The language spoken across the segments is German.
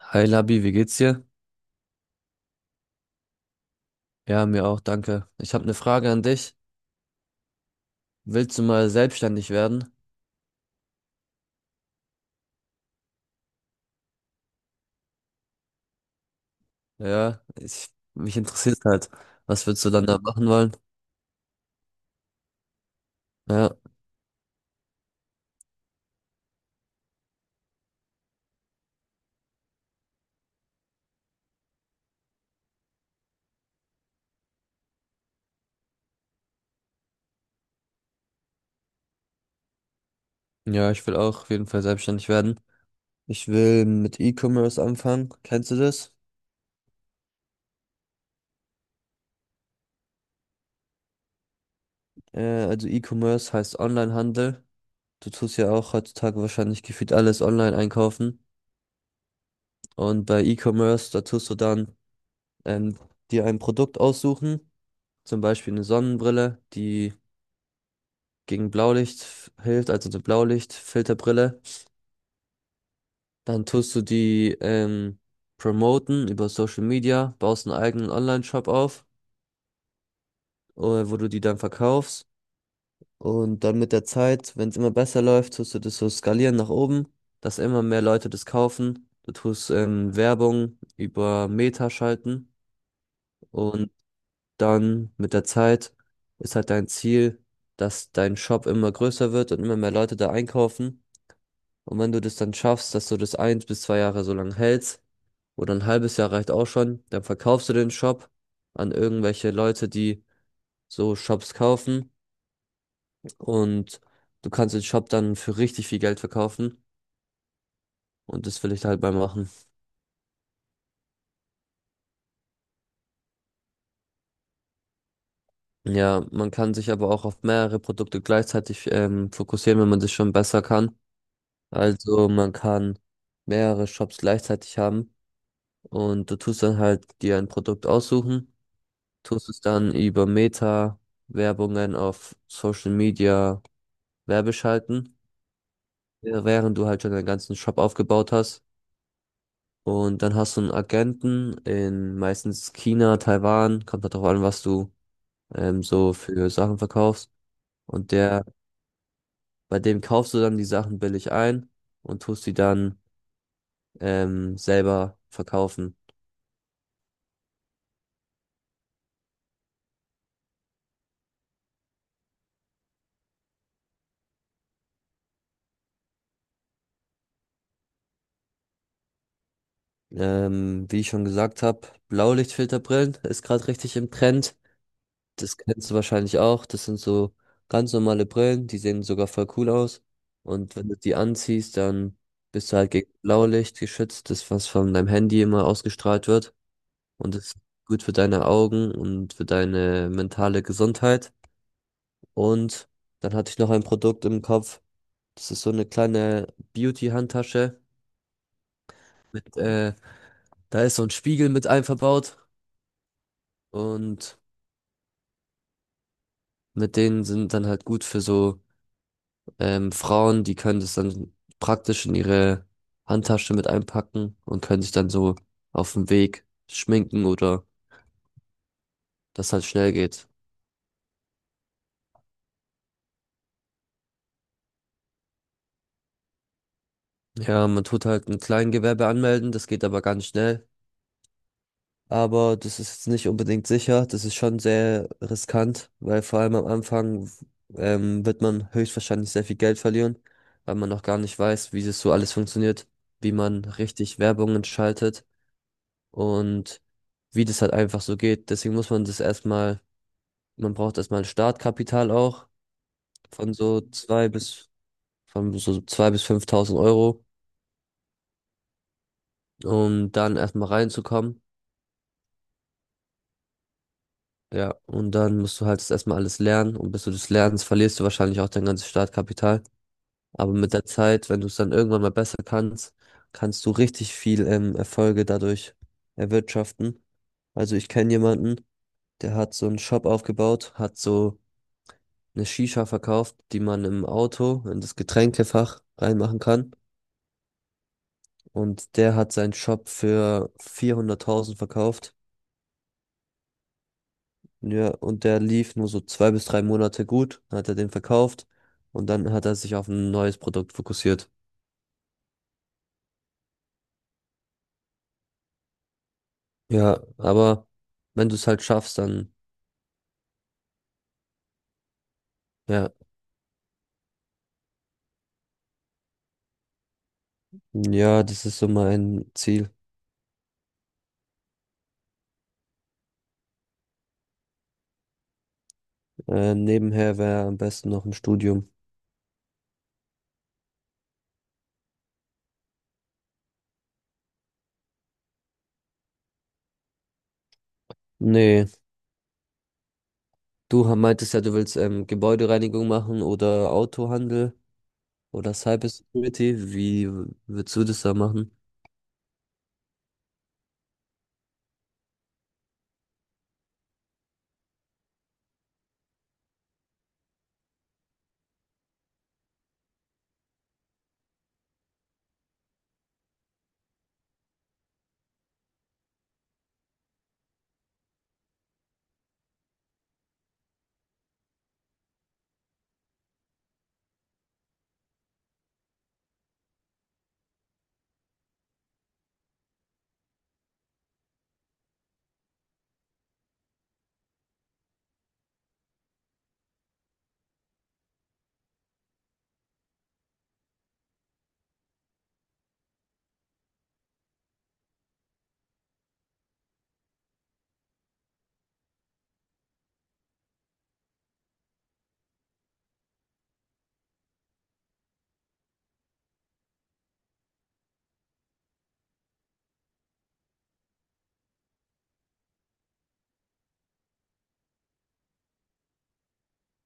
Hi Labi, wie geht's dir? Ja, mir auch, danke. Ich habe eine Frage an dich. Willst du mal selbstständig werden? Ja, mich interessiert halt, was würdest du dann da machen wollen? Ja, ja, ich will auch auf jeden Fall selbstständig werden. Ich will mit E-Commerce anfangen. Kennst du das? Äh, also E-Commerce heißt Onlinehandel. Du tust ja auch heutzutage wahrscheinlich gefühlt alles online einkaufen. Und bei E-Commerce, da tust du dann ähm, dir ein Produkt aussuchen, zum Beispiel eine Sonnenbrille, die gegen Blaulicht hilft, also eine Blaulichtfilterbrille. Dann tust du die promoten über Social Media, baust einen eigenen Online-Shop auf, wo du die dann verkaufst. Und dann mit der Zeit, wenn es immer besser läuft, tust du das so skalieren nach oben, dass immer mehr Leute das kaufen. Du tust Werbung über Meta schalten und dann mit der Zeit ist halt dein Ziel, dass dein Shop immer größer wird und immer mehr Leute da einkaufen. Und wenn du das dann schaffst, dass du das 1 bis 2 Jahre so lang hältst, oder ein halbes Jahr reicht auch schon, dann verkaufst du den Shop an irgendwelche Leute, die so Shops kaufen. Und du kannst den Shop dann für richtig viel Geld verkaufen. Und das will ich halt mal machen. Ja, man kann sich aber auch auf mehrere Produkte gleichzeitig fokussieren, wenn man das schon besser kann. Also man kann mehrere Shops gleichzeitig haben und du tust dann halt dir ein Produkt aussuchen, tust es dann über Meta-Werbungen auf Social Media werbeschalten, während du halt schon deinen ganzen Shop aufgebaut hast. Und dann hast du einen Agenten in meistens China, Taiwan, kommt halt darauf an, was du so für Sachen verkaufst. Und bei dem kaufst du dann die Sachen billig ein und tust die dann selber verkaufen. Wie ich schon gesagt habe, Blaulichtfilterbrillen ist gerade richtig im Trend. Das kennst du wahrscheinlich auch. Das sind so ganz normale Brillen, die sehen sogar voll cool aus. Und wenn du die anziehst, dann bist du halt gegen Blaulicht geschützt, das was von deinem Handy immer ausgestrahlt wird. Und das ist gut für deine Augen und für deine mentale Gesundheit. Und dann hatte ich noch ein Produkt im Kopf. Das ist so eine kleine Beauty-Handtasche mit, da ist so ein Spiegel mit einverbaut. Und mit denen sind dann halt gut für so Frauen, die können das dann praktisch in ihre Handtasche mit einpacken und können sich dann so auf dem Weg schminken oder das halt schnell geht. Ja, man tut halt ein Kleingewerbe anmelden, das geht aber ganz schnell. Aber das ist jetzt nicht unbedingt sicher, das ist schon sehr riskant, weil vor allem am Anfang wird man höchstwahrscheinlich sehr viel Geld verlieren, weil man noch gar nicht weiß, wie das so alles funktioniert, wie man richtig Werbungen schaltet und wie das halt einfach so geht. Deswegen muss man das erstmal, man braucht erstmal ein Startkapital auch von so zwei bis, von so 2 bis 5.000 Euro, um dann erstmal reinzukommen. Ja, und dann musst du halt das erstmal alles lernen und bis du das lernst, verlierst du wahrscheinlich auch dein ganzes Startkapital. Aber mit der Zeit, wenn du es dann irgendwann mal besser kannst, kannst du richtig viel Erfolge dadurch erwirtschaften. Also ich kenne jemanden, der hat so einen Shop aufgebaut, hat so eine Shisha verkauft, die man im Auto in das Getränkefach reinmachen kann. Und der hat seinen Shop für 400.000 verkauft. Ja, und der lief nur so 2 bis 3 Monate gut, dann hat er den verkauft und dann hat er sich auf ein neues Produkt fokussiert. Ja, aber wenn du es halt schaffst, dann ja, ja, das ist so mein Ziel. Nebenher wäre am besten noch ein Studium. Nee, du meintest ja, du willst Gebäudereinigung machen oder Autohandel. Oder Cybersecurity, wie würdest du das da machen?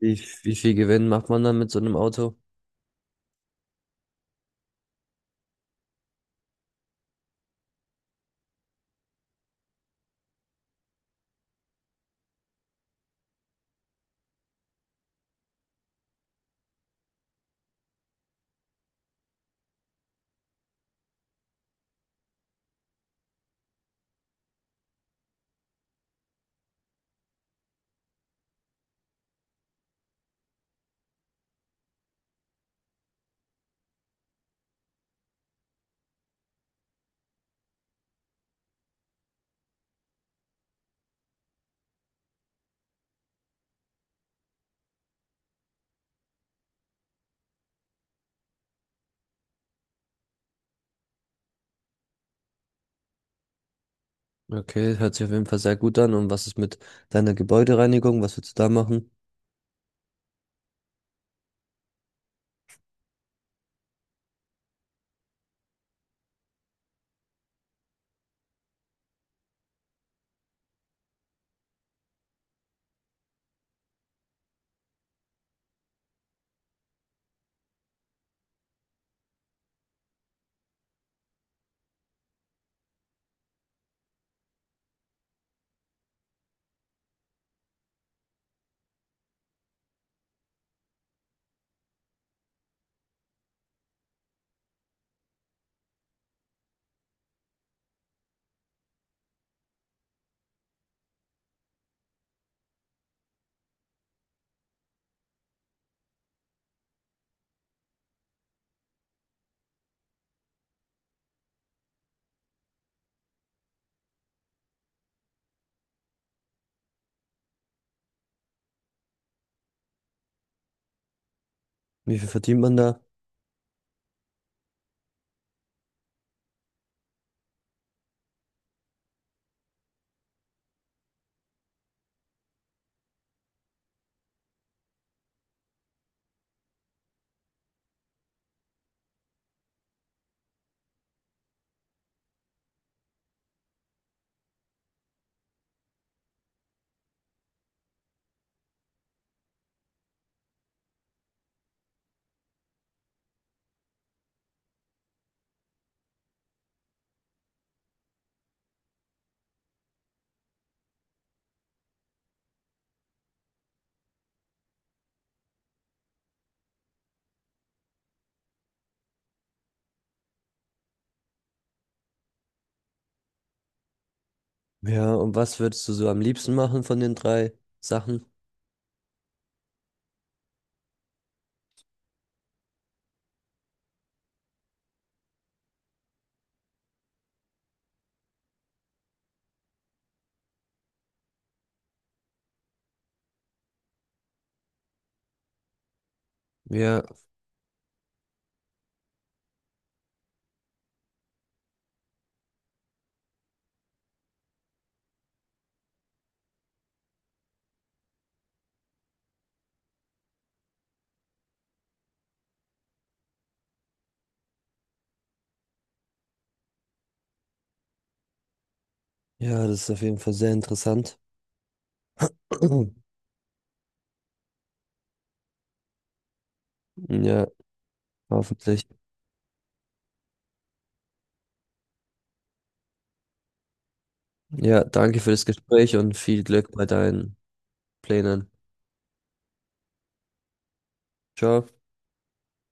Wie, wie viel Gewinn macht man dann mit so einem Auto? Okay, hört sich auf jeden Fall sehr gut an. Und was ist mit deiner Gebäudereinigung? Was würdest du da machen? Wie viel verdient man da? Ja, und was würdest du so am liebsten machen von den drei Sachen? Ja, ja, das ist auf jeden Fall sehr interessant. Ja, hoffentlich. Ja, danke für das Gespräch und viel Glück bei deinen Plänen. Ciao.